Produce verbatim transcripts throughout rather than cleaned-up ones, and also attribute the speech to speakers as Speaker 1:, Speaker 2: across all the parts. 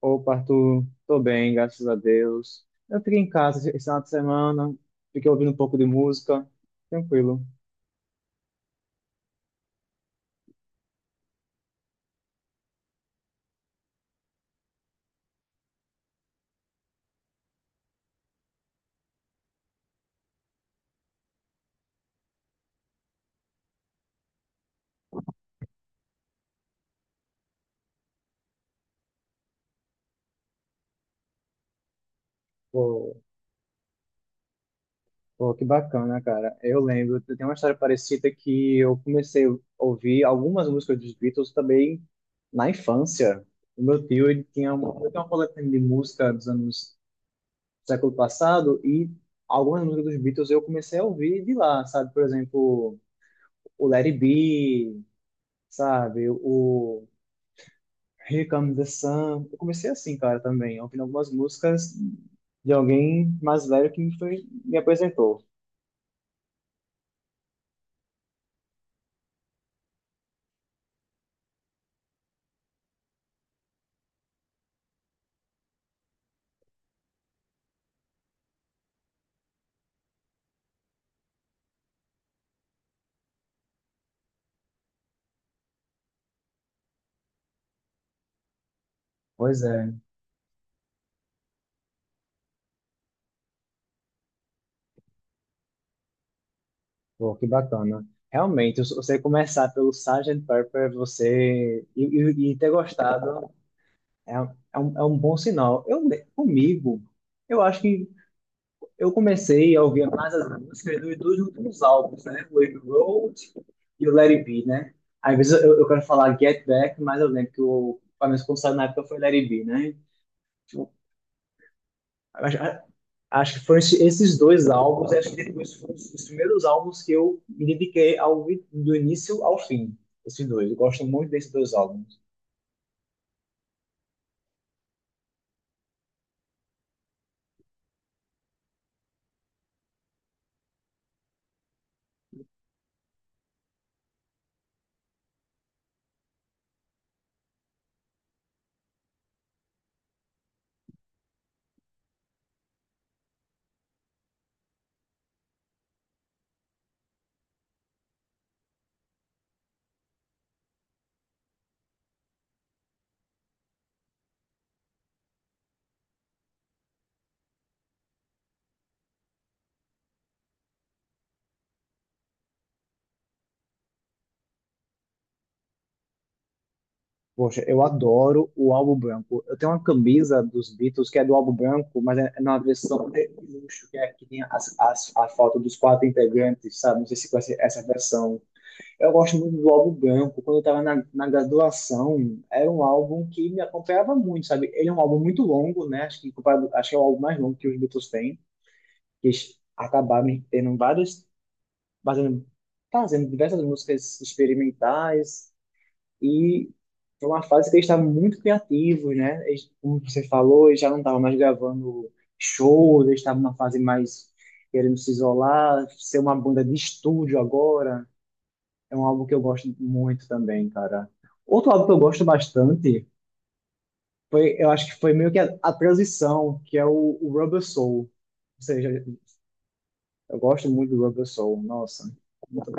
Speaker 1: Opa, Arthur, tô bem, graças a Deus. Eu fiquei em casa esse esse final de semana, fiquei ouvindo um pouco de música, tranquilo. Pô, pô, que bacana, cara. Eu lembro, eu tenho uma história parecida que eu comecei a ouvir algumas músicas dos Beatles também na infância. O meu tio, ele tinha uma, ele tinha uma coletânea de música dos anos do século passado e algumas músicas dos Beatles eu comecei a ouvir de lá, sabe? Por exemplo, o Let It Be, sabe? O Here Comes the Sun. Eu comecei assim, cara, também, ouvindo algumas músicas de alguém mais velho que me, foi, me apresentou. Pois é, pô, que bacana. Realmente, se você começar pelo sargento Pepper, você e, e- e ter gostado é, é, um, é um bom sinal. Eu, comigo, eu acho que eu comecei a ouvir mais as músicas dos dois últimos álbuns, né? O Abbey Road e o Let It Be, né? Às vezes eu, eu quero falar Get Back, mas eu lembro que o, pelo menos quando saiu na época foi Let It Be, né? Acho, acho que foram esse- esses dois álbuns, acho que depois foram os os primeiros álbuns que eu me dediquei ao, ouvir do início ao fim. Esses dois, eu gosto muito desses dois álbuns. Poxa, eu adoro o álbum branco. Eu tenho uma camisa dos Beatles que é do álbum branco, mas é é na versão de luxo, que é que tem as, as, a foto dos quatro integrantes, sabe? Não sei se conhece essa versão. Eu gosto muito do álbum Branco. Quando eu estava na, na graduação, era um álbum que me acompanhava muito, sabe? Ele é um álbum muito longo, né? Acho que, comparado, acho que é o álbum mais longo que os Beatles têm. Que eles acabaram tendo vários, fazendo, fazendo diversas músicas experimentais. E foi uma fase que eles estavam muito criativos, né? Eles, como você falou, eles já não estavam mais gravando shows, eles estavam numa fase mais querendo se isolar, ser uma banda de estúdio agora, é um álbum que eu gosto muito também, cara. Outro álbum que eu gosto bastante foi, eu acho que foi meio que a, a transição, que é o, o Rubber Soul. Ou seja, eu gosto muito do Rubber Soul, nossa. Muito-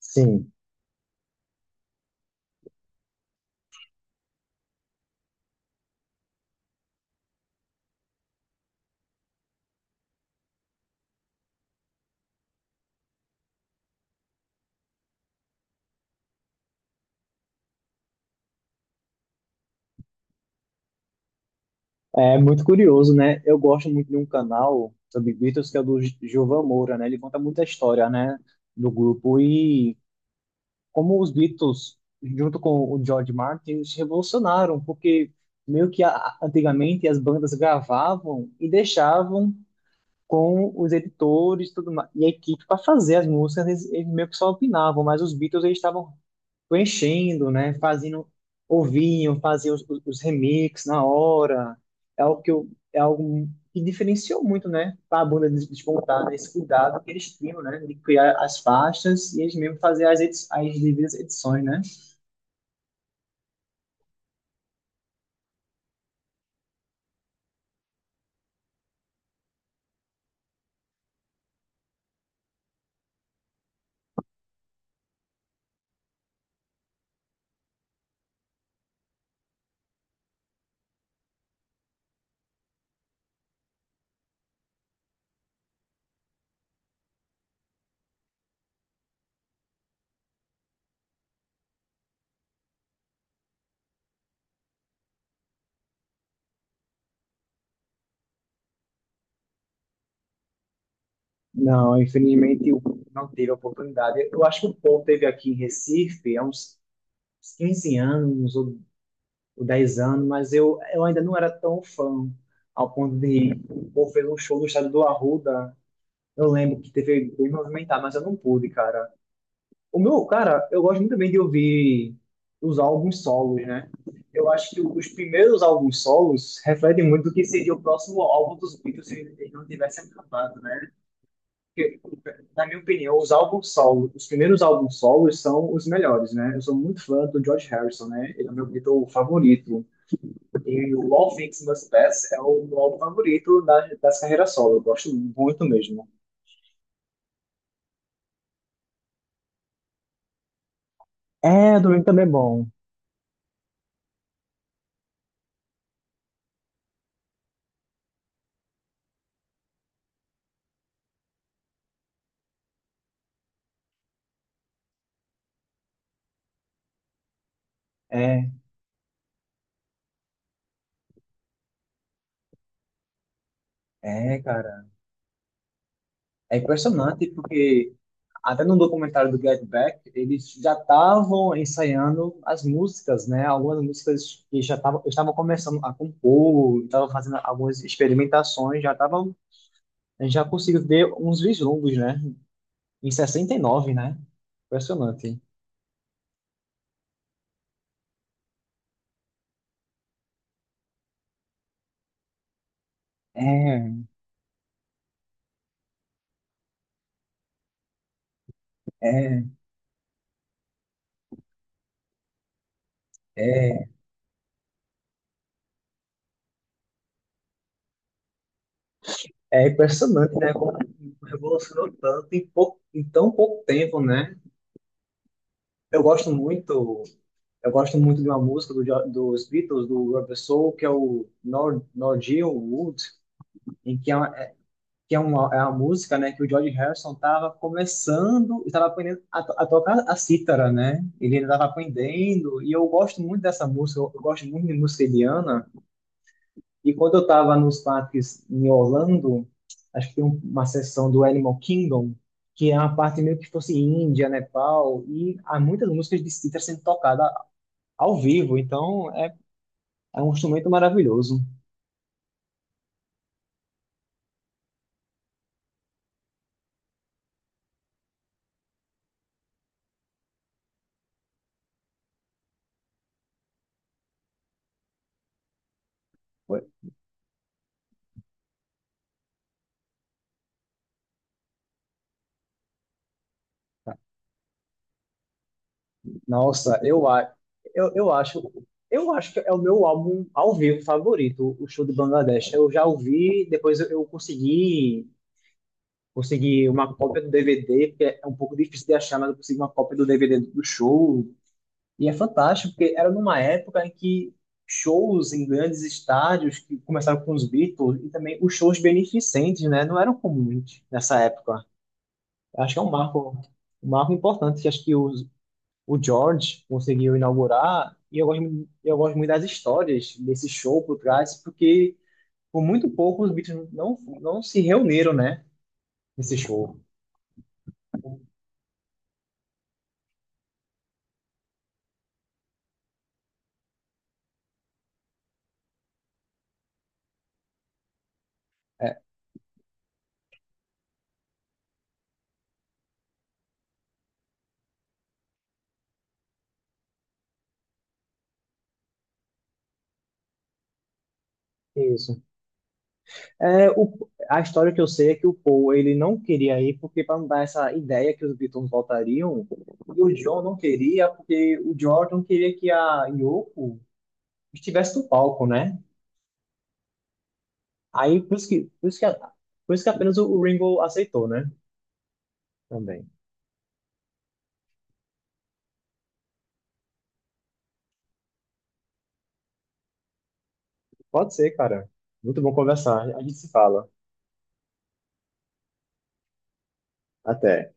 Speaker 1: Sim, é muito curioso, né? Eu gosto muito de um canal sobre Beatles que é do Gi- Gilvan Moura, né? Ele conta muita história, né, do grupo e como os Beatles, junto com o George Martin, eles revolucionaram, porque meio que a- antigamente as bandas gravavam e deixavam com os editores tudo mais, e a equipe para fazer as músicas, eles, eles meio que só opinavam, mas os Beatles eles estavam preenchendo, né? Fazendo, ouvindo, faziam os, os os remixes na hora. É algo que eu, é algo que diferenciou muito, né? Para a banda des- despontar, né? Esse cuidado que eles tinham, né? De criar as faixas e eles mesmo fazer as, edi- as devidas edições, né? Não, infelizmente eu não teve a oportunidade. Eu acho que o Paul teve aqui em Recife há uns quinze anos ou ou dez anos, mas eu, eu ainda não era tão fã ao ponto de ir. O Paul fez um show no estádio do Arruda. Eu lembro que teve bem movimentado, mas eu não pude, cara. O meu, cara, eu gosto muito bem de ouvir os álbuns solos, né? Eu acho que os primeiros álbuns solos refletem muito o que seria o próximo álbum dos Beatles se eles não tivessem acabado, né? Porque, na minha opinião, os álbuns solos, os primeiros álbuns solos são os melhores, né? Eu sou muito fã do George Harrison, né? Ele é o meu Beatle favorito. E o All Things Must Pass é o meu álbum favorito das, das carreiras solo. Eu gosto muito mesmo. É, do Domingo também é bom. É, é, cara. É impressionante porque até no documentário do Get Back, eles já estavam ensaiando as músicas, né? Algumas músicas que já estavam estavam começando a compor, estavam fazendo algumas experimentações, já estavam, a gente já conseguiu ver uns vislumbres, né? Em sessenta e nove, né? Impressionante. É, é, é, é impressionante, né? Como revolucionou tanto em pouco, em tão pouco tempo, né? Eu gosto muito Eu gosto muito de uma música do, Jo- dos Beatles, do Rubber Soul, que é o Nor- Norwegian Wood, em que é uma, que é uma, é uma música, né, que o George Harrison estava começando, estava aprendendo a, to- a tocar a cítara, né? Ele ainda estava aprendendo, e eu gosto muito dessa música, eu, eu gosto muito de música indiana. E quando eu estava nos parques em Orlando, acho que tem um- uma sessão do Animal Kingdom, que é uma parte meio que fosse Índia, Nepal, e há muitas músicas de cítara sendo tocada ao vivo, então é é um instrumento maravilhoso. Nossa, eu, a- eu, eu acho. Eu acho que é o meu álbum ao vivo favorito, o show de Bangladesh. Eu já ouvi, depois eu, eu consegui, consegui uma cópia do D V D, porque é um pouco difícil de achar, mas eu consegui uma cópia do D V D do show. E é fantástico, porque era numa época em que shows em grandes estádios, que começaram com os Beatles, e também os shows beneficentes, né, não eram comuns nessa época. Eu acho que é um marco, um marco importante, que acho que o o George conseguiu inaugurar. E eu gosto, mu- eu gosto muito das histórias desse show por trás, porque por muito pouco os Beatles não, não se reuniram, né? Nesse show. Isso. É, o, a história que eu sei é que o Paul ele não queria ir porque para não dar essa ideia que os Beatles voltariam, e o John não queria porque o George não queria que a Yoko estivesse no palco, né? Aí por isso que, por isso que, por isso que apenas o Ringo aceitou, né? Também. Pode ser, cara. Muito bom conversar. A gente se fala. Até.